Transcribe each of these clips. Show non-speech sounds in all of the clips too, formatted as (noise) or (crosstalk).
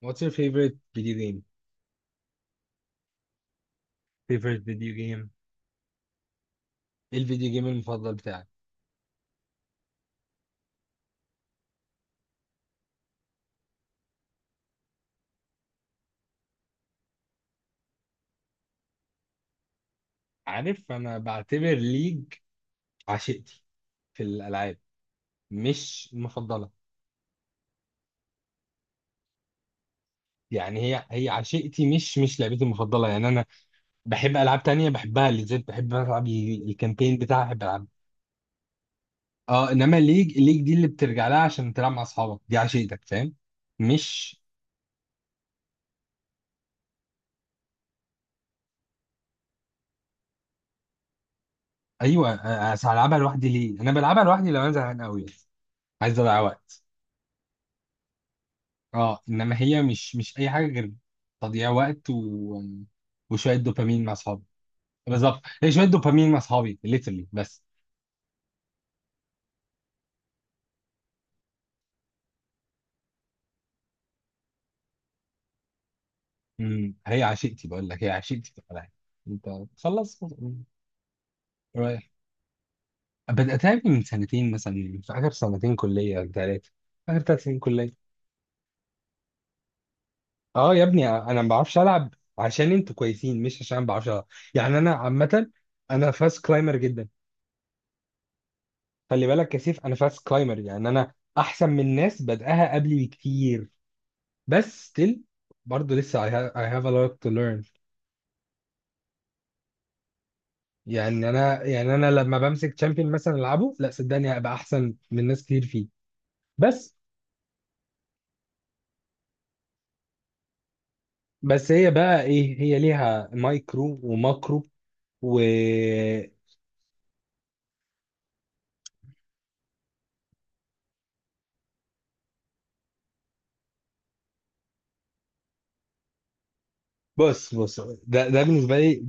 What's your favorite video game? Favorite video game؟ ايه الفيديو جيم المفضل بتاعك؟ عارف، انا بعتبر ليج عشيقتي في الالعاب، مش المفضله. يعني هي عشيقتي، مش لعبتي المفضله. يعني انا بحب العاب تانية بحبها، اللي زي بحب العب الكامبين بتاعها، بحب العب. اه، انما ليج ليج دي اللي بترجع لها عشان تلعب مع اصحابك، دي عشيقتك، فاهم؟ مش ايوه. هلعبها لوحدي ليه؟ انا بلعبها لوحدي لو انا زهقان قوي، عايز اضيع وقت. اه، انما هي مش اي حاجه غير تضييع وقت وشويه دوبامين مع اصحابي. بالظبط، هي شويه دوبامين مع اصحابي ليترلي، بس. هي عشيقتي، بقول لك هي عشيقتي في الالعاب. انت خلص، رايح. بداتها من سنتين مثلا، في اخر سنتين كليه أو ثلاثه، اخر ثلاث سنين كليه. اه يا ابني، انا ما بعرفش العب عشان انتوا كويسين، مش عشان ما بعرفش العب. يعني انا عامه انا فاست كلايمر جدا. خلي بالك يا سيف، انا فاست كلايمر، يعني انا احسن من ناس بدأها قبلي بكتير. بس still، برضه لسه I have, I have a lot to learn. يعني انا لما بمسك تشامبيون مثلا العبه، لا صدقني هبقى احسن من ناس كتير فيه، بس. بس هي بقى ايه، هي ليها مايكرو وماكرو و بص بص ده بالنسبه لي،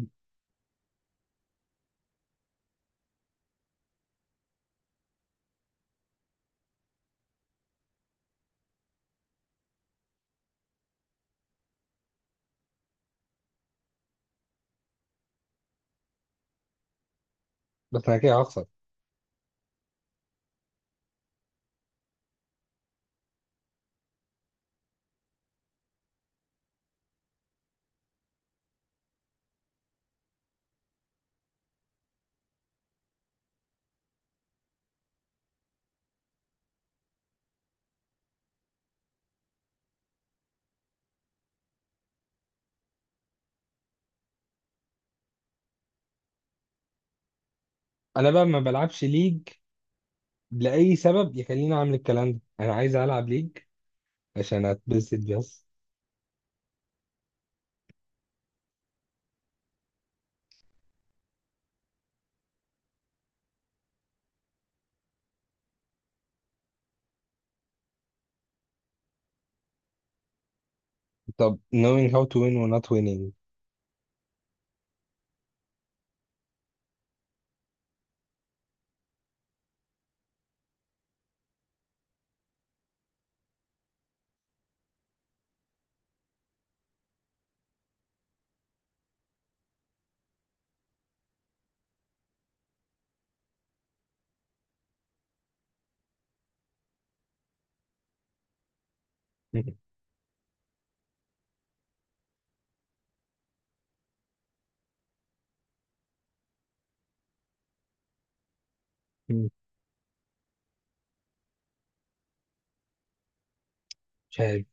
بس انا كده هخسر. انا بقى ما بلعبش ليج لاي سبب يخليني اعمل الكلام ده. انا عايز العب ليج عشان اتبسط بس. طب knowing how to win or not winning. (laughs) مش عارف.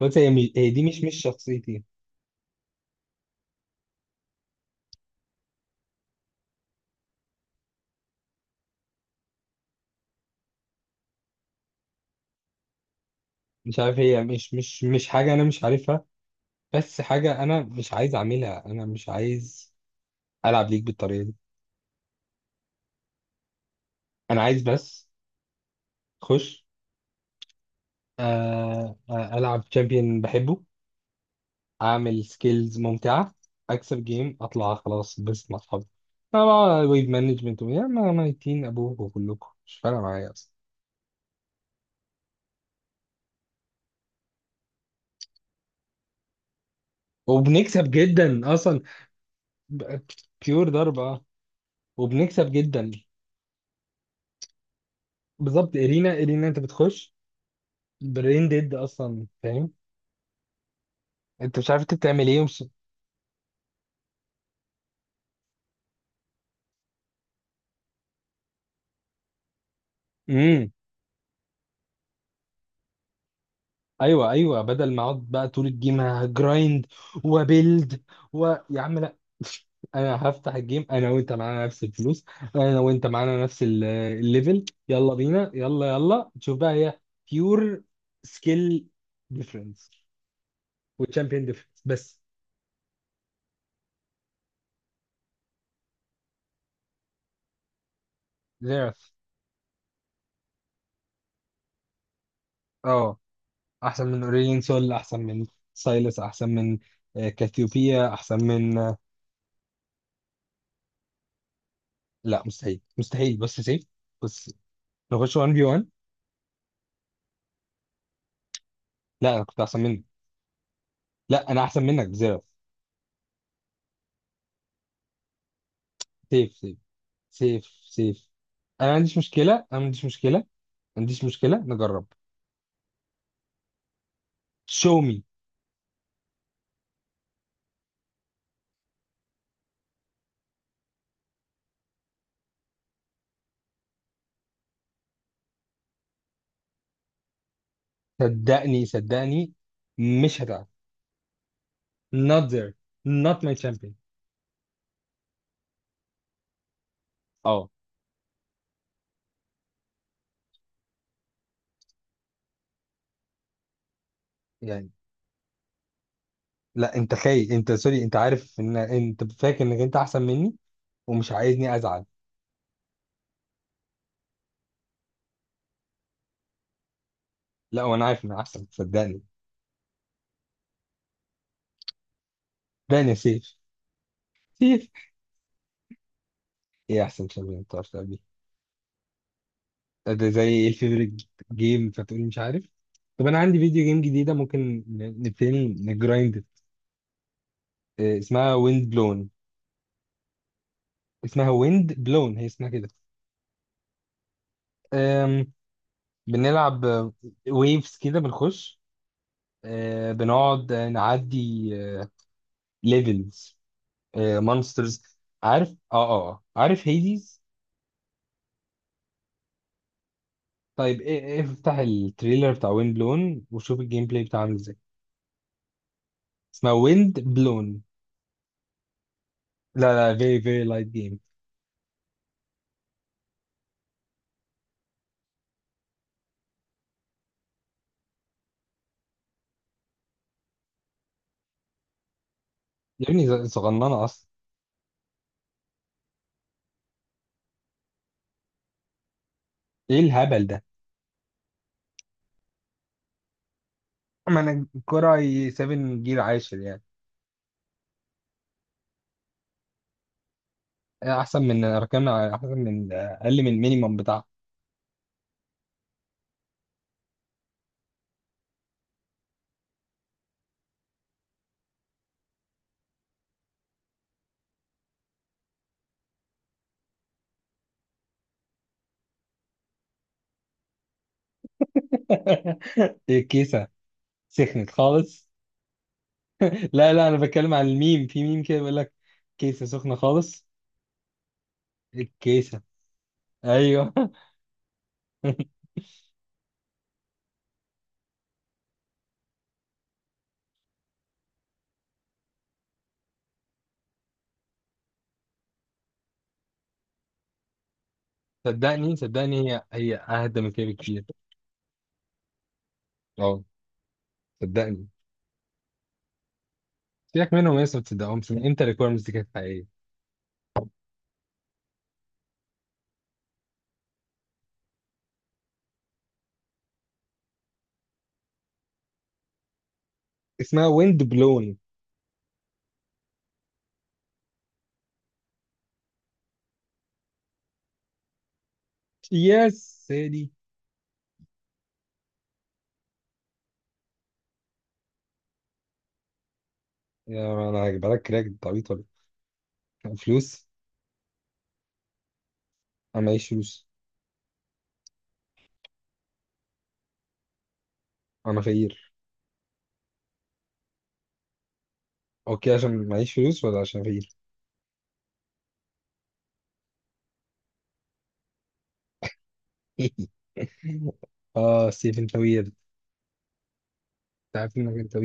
بص، هي هي دي مش شخصيتي. مش عارف، هي مش حاجة أنا مش عارفها، بس حاجة أنا مش عايز أعملها. أنا مش عايز ألعب ليك بالطريقة دي. أنا عايز بس أخش، ألعب شامبيون بحبه، أعمل سكيلز ممتعة، أكسب جيم، أطلع خلاص بس مع أصحابي. أنا بقى ويب مانجمنت ويا ما ميتين أبوكوا، كلكم مش فارقة معايا أصلا. وبنكسب جدا أصلا. ب- بيور ضربة، آه. وبنكسب جدا. بالظبط، إرينا. إرينا أنت بتخش برين ديد أصلا، فاهم. انت مش عارف انت بتعمل ايه ومش. امم ايوه، ايوه، بدل ما اقعد بقى طول الجيم هجرايند وبيلد و، يا عم لا، انا هفتح الجيم. انا وانت معانا نفس الفلوس، انا وانت معانا نفس الليفل، يلا بينا، يلا يلا تشوف بقى هي بيور سكيل ديفرنس وتشامبيون ديفرنس بس. زيرف. اه، احسن من اوريلين سول، احسن من سايلس، احسن من كاثيوبيا، احسن من لا مستحيل مستحيل. بص يا سيف، بص، نخش 1 في 1. لا، انا كنت احسن منك. لا، انا احسن منك بزيرو. سيف، سيف، سيف، سيف، انا ما عنديش مشكله، انا ما عنديش مشكله، ما عنديش مشكله، نجرب. Show me. صدقني، صدقني مش هتعرف. Not there. Not my champion. اه. يعني، لا انت خايف. انت سوري، انت عارف ان انت فاكر انك انت احسن مني ومش عايزني ازعل. لا، وانا عارف ان انا احسن، صدقني. صدقني يا سيف. سيف، ايه احسن شامبيون انت؟ ده زي ايه الفيفوريت جيم فتقولي مش عارف. طب انا عندي فيديو جيم جديده، ممكن نبتدي نجرايند. اسمها ويند بلون. اسمها ويند بلون، هي اسمها كده. آم، بنلعب ويفز كده، بنخش، بنقعد نعدي ليفلز، مونسترز. عارف؟ اه، اه، آه. عارف هيديز؟ طيب، إيه إيه افتح التريلر بتاع ويند بلون وشوف الجيم بلاي بتاعه عامل ازاي. اسمها ويند بلون. لا لا، فيري فيري لايت جيم. يا ابني، صغننه اصلا. ايه الهبل ده؟ ما انا الكرة 7 جيل عاشر يعني. احسن من ارقام، احسن من اقل من المينيمم بتاعها. (laughs) الكيسة سخنت خالص. لا لا، انا بتكلم على الميم في ميم كده، بيقول لك كيسة سخنة خالص. إيه الكيسة؟ ايوه. (laughs) صدقني، صدقني هي اهدى من كده بكتير. اه، صدقني. سيبك منهم يا اسطى، ما تصدقهمش. من امتى الريكويرمنتس دي كانت حقيقية؟ اسمها ويند بلون. يا سيدي. يا انا هجيبها لك كراك، طبيعي طبيعي. فلوس؟ انا معيش فلوس. انا فقير. اوكي عشان معيش فلوس ولا عشان فقير؟ (laughs) اه، ستيفن توير. انت عارف انك انت